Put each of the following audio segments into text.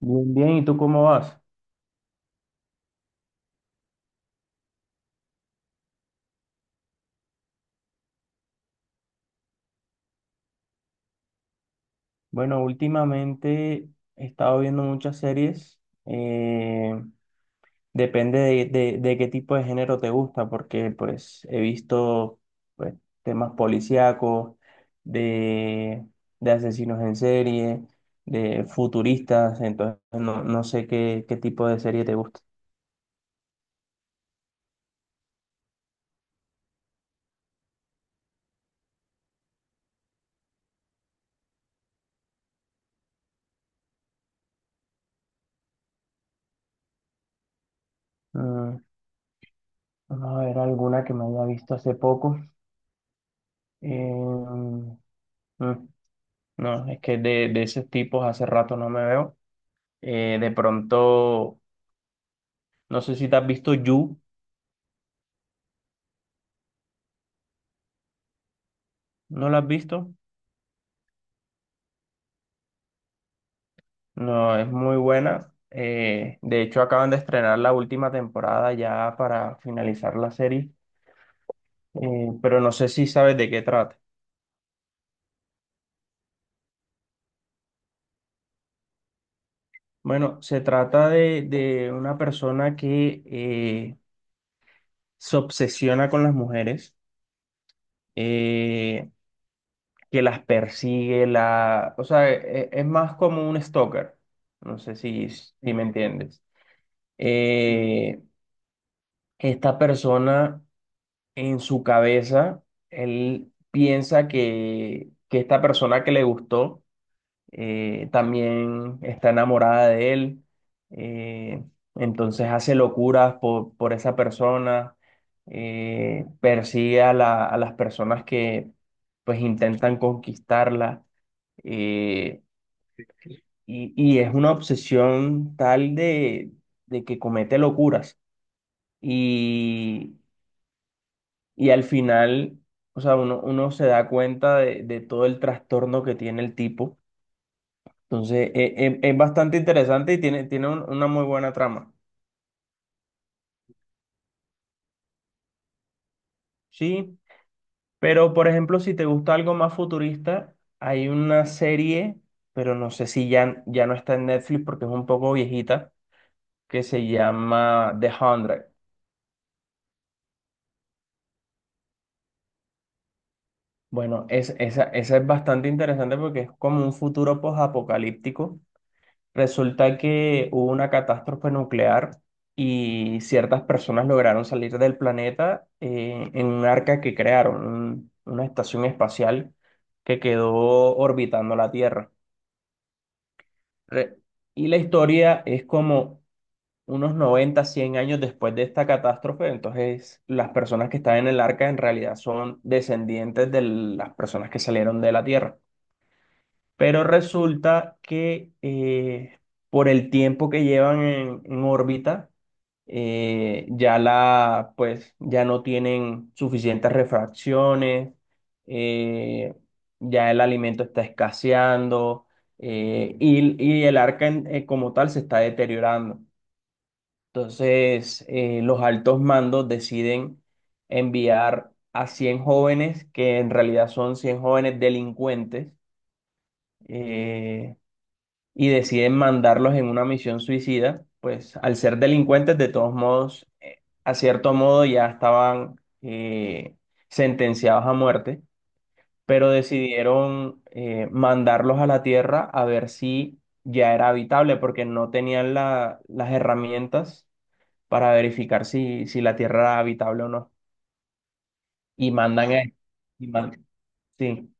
Bien, bien, ¿y tú cómo vas? Bueno, últimamente he estado viendo muchas series. eh, Depende de, de qué tipo de género te gusta, porque pues he visto pues, temas policíacos, de, de asesinos en serie, de futuristas, entonces no sé qué tipo de serie te gusta. Mm, Vamos a ver alguna que me haya visto hace poco. Em, mm, no, es que de esos tipos hace rato no me veo. De pronto, no sé si te has visto You. ¿No la has visto? No, es muy buena. De hecho, acaban de estrenar la última temporada ya para finalizar la serie, pero no sé si sabes de qué trata. Bueno, se trata de una persona que se obsesiona con las mujeres, eh, que las persigue, o sea, es más como un stalker. No sé si me entiendes. Eh, Esta persona, en su cabeza, él piensa que esta persona que le gustó también está enamorada de él. eh, entonces hace locuras por esa persona, persigue a las personas que pues intentan conquistarla. eh, y es una obsesión tal de que comete locuras. Y al final, o sea, uno se da cuenta de todo el trastorno que tiene el tipo. Entonces, es bastante interesante y tiene una muy buena trama. Sí, pero por ejemplo, si te gusta algo más futurista, hay una serie, pero no sé si ya no está en Netflix porque es un poco viejita, que se llama The Hundred. Bueno, esa es bastante interesante porque es como un futuro post-apocalíptico. Resulta que hubo una catástrofe nuclear y ciertas personas lograron salir del planeta en un arca que crearon, una estación espacial que quedó orbitando la Tierra. Re- y la historia es como unos 90, 100 años después de esta catástrofe, entonces las personas que están en el arca en realidad son descendientes de las personas que salieron de la Tierra. Pero resulta que por el tiempo que llevan en órbita, ya pues, ya no tienen suficientes refracciones, eh, ya el alimento está escaseando, y el arca como tal se está deteriorando. Entonces, los altos mandos deciden enviar a 100 jóvenes, que en realidad son 100 jóvenes delincuentes, eh, y deciden mandarlos en una misión suicida. Pues al ser delincuentes, de todos modos, a cierto modo ya estaban sentenciados a muerte, pero decidieron mandarlos a la Tierra a ver si ya era habitable, porque no tenían las herramientas para verificar si la Tierra era habitable o no. Y mandan a... Wow. y man- sí.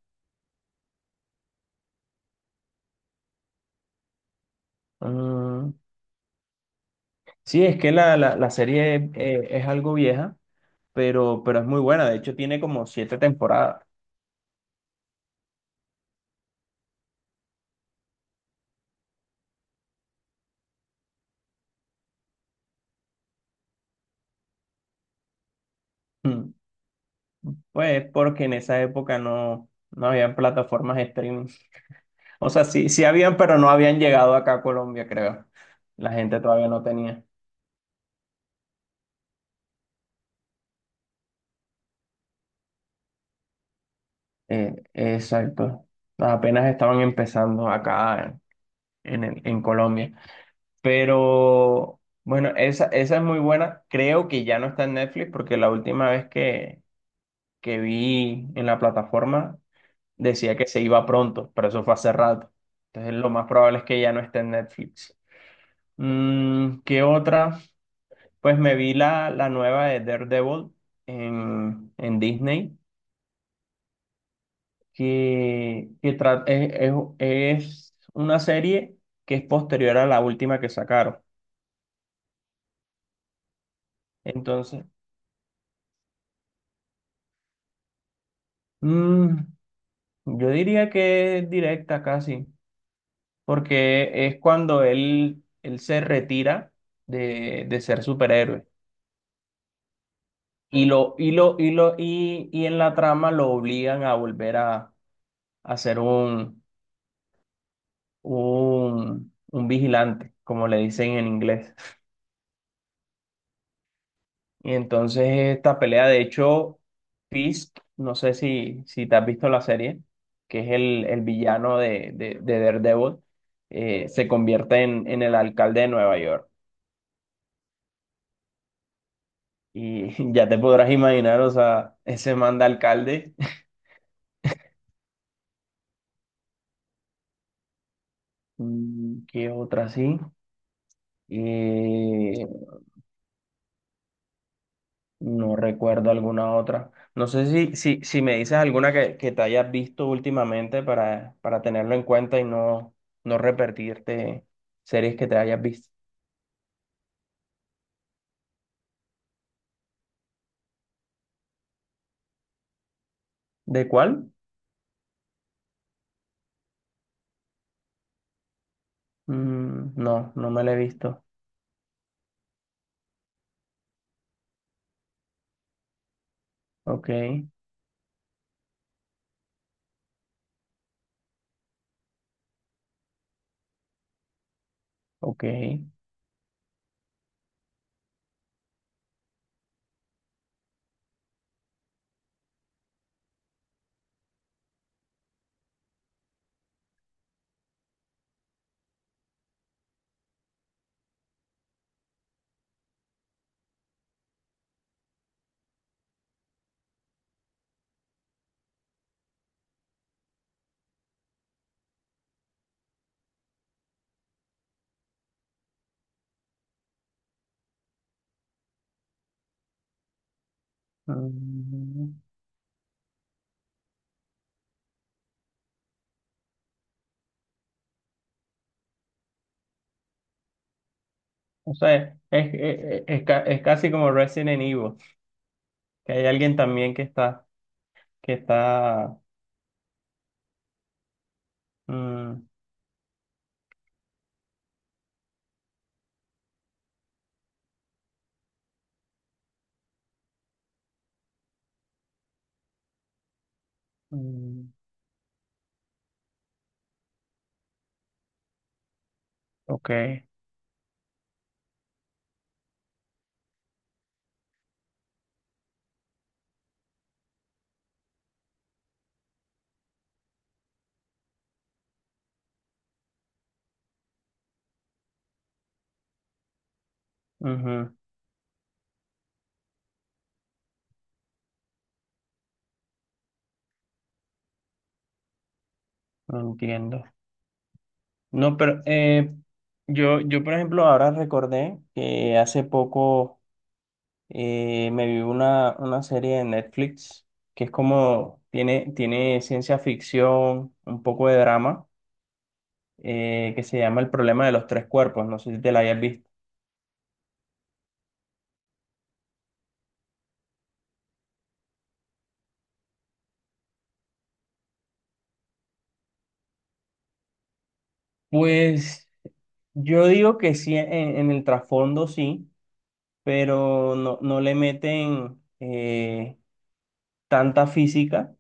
Mm, sí, es que la serie es algo vieja, pero es muy buena. De hecho, tiene como siete temporadas. Mm. Pues porque en esa época no habían plataformas streaming. O sea, sí, sí habían, pero no habían llegado acá a Colombia, creo. La gente todavía no tenía. Exacto. Apenas estaban empezando acá en Colombia. Pero bueno, esa es muy buena. Creo que ya no está en Netflix porque la última vez que vi en la plataforma decía que se iba pronto, pero eso fue hace rato. Entonces lo más probable es que ya no esté en Netflix. ¿Qué otra? Pues me vi la nueva de Daredevil en Disney, que es una serie que es posterior a la última que sacaron. Entonces, mm, yo diría que es directa casi, porque es cuando él se retira de ser superhéroe. Y en la trama lo obligan a volver a ser un vigilante, como le dicen en inglés. Y entonces esta pelea, de hecho, Fisk, no sé si te has visto la serie, que es el villano de Daredevil, se convierte en el alcalde de Nueva York. Y ya te podrás imaginar, o sea, ese manda alcalde. ¿Qué otra sí? Eh, No recuerdo alguna otra. No sé si me dices alguna que te hayas visto últimamente para tenerlo en cuenta y no repetirte series que te hayas visto. ¿De cuál? Mm, no, no me la he visto. Ok, ok. Mm, o sea, es casi como Resident Evil, que hay alguien también que está. mm, mm, ok, ujú, no entiendo. No, pero yo, por ejemplo, ahora recordé que hace poco me vi una serie de Netflix que es como, tiene ciencia ficción, un poco de drama, que se llama El problema de los tres cuerpos. No sé si te la hayas visto. Pues yo digo que sí, en el trasfondo sí, pero no le meten tanta física.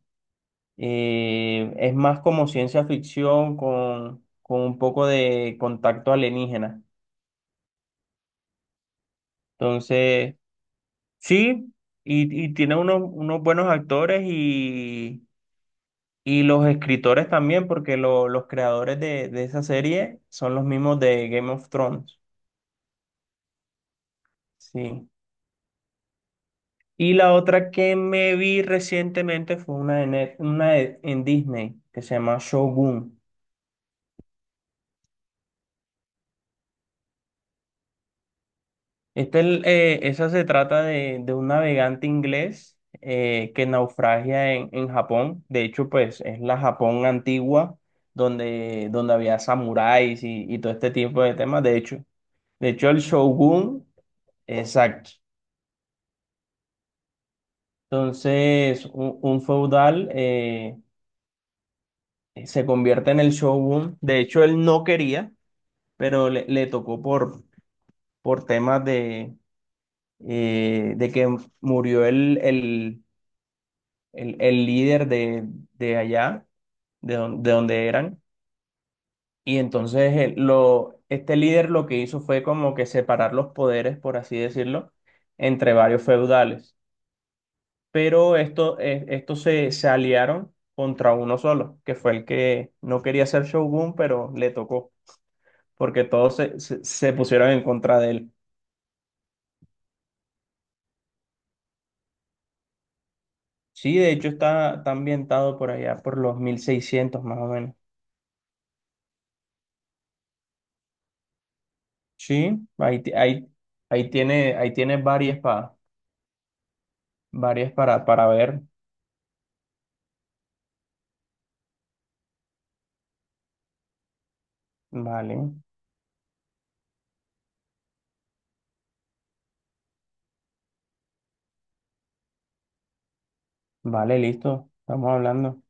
Es más como ciencia ficción con un poco de contacto alienígena. Entonces, sí, y tiene unos buenos actores y, los escritores también, porque los creadores de esa serie son los mismos de Game of Thrones. Sí. Y la otra que me vi recientemente fue una en Disney que se llama Shogun. Esa se trata de un navegante inglés que naufragia en Japón. De hecho, pues es la Japón antigua donde, había samuráis y, todo este tipo de temas. De hecho, el shogun, exacto. Entonces, un feudal se convierte en el shogun. De hecho, él no quería, pero le tocó por temas de que murió el líder de allá, de donde eran. Y entonces este líder lo que hizo fue como que separar los poderes, por así decirlo, entre varios feudales. Pero estos se aliaron contra uno solo, que fue el que no quería ser Shogun, pero le tocó, porque todos se pusieron en contra de él. Sí, de hecho está ambientado por allá, por los 1600 más o menos. Sí, ahí, ti- ahí, ahí tiene varias espadas, varias para ver. Vale, vale, listo. Estamos hablando.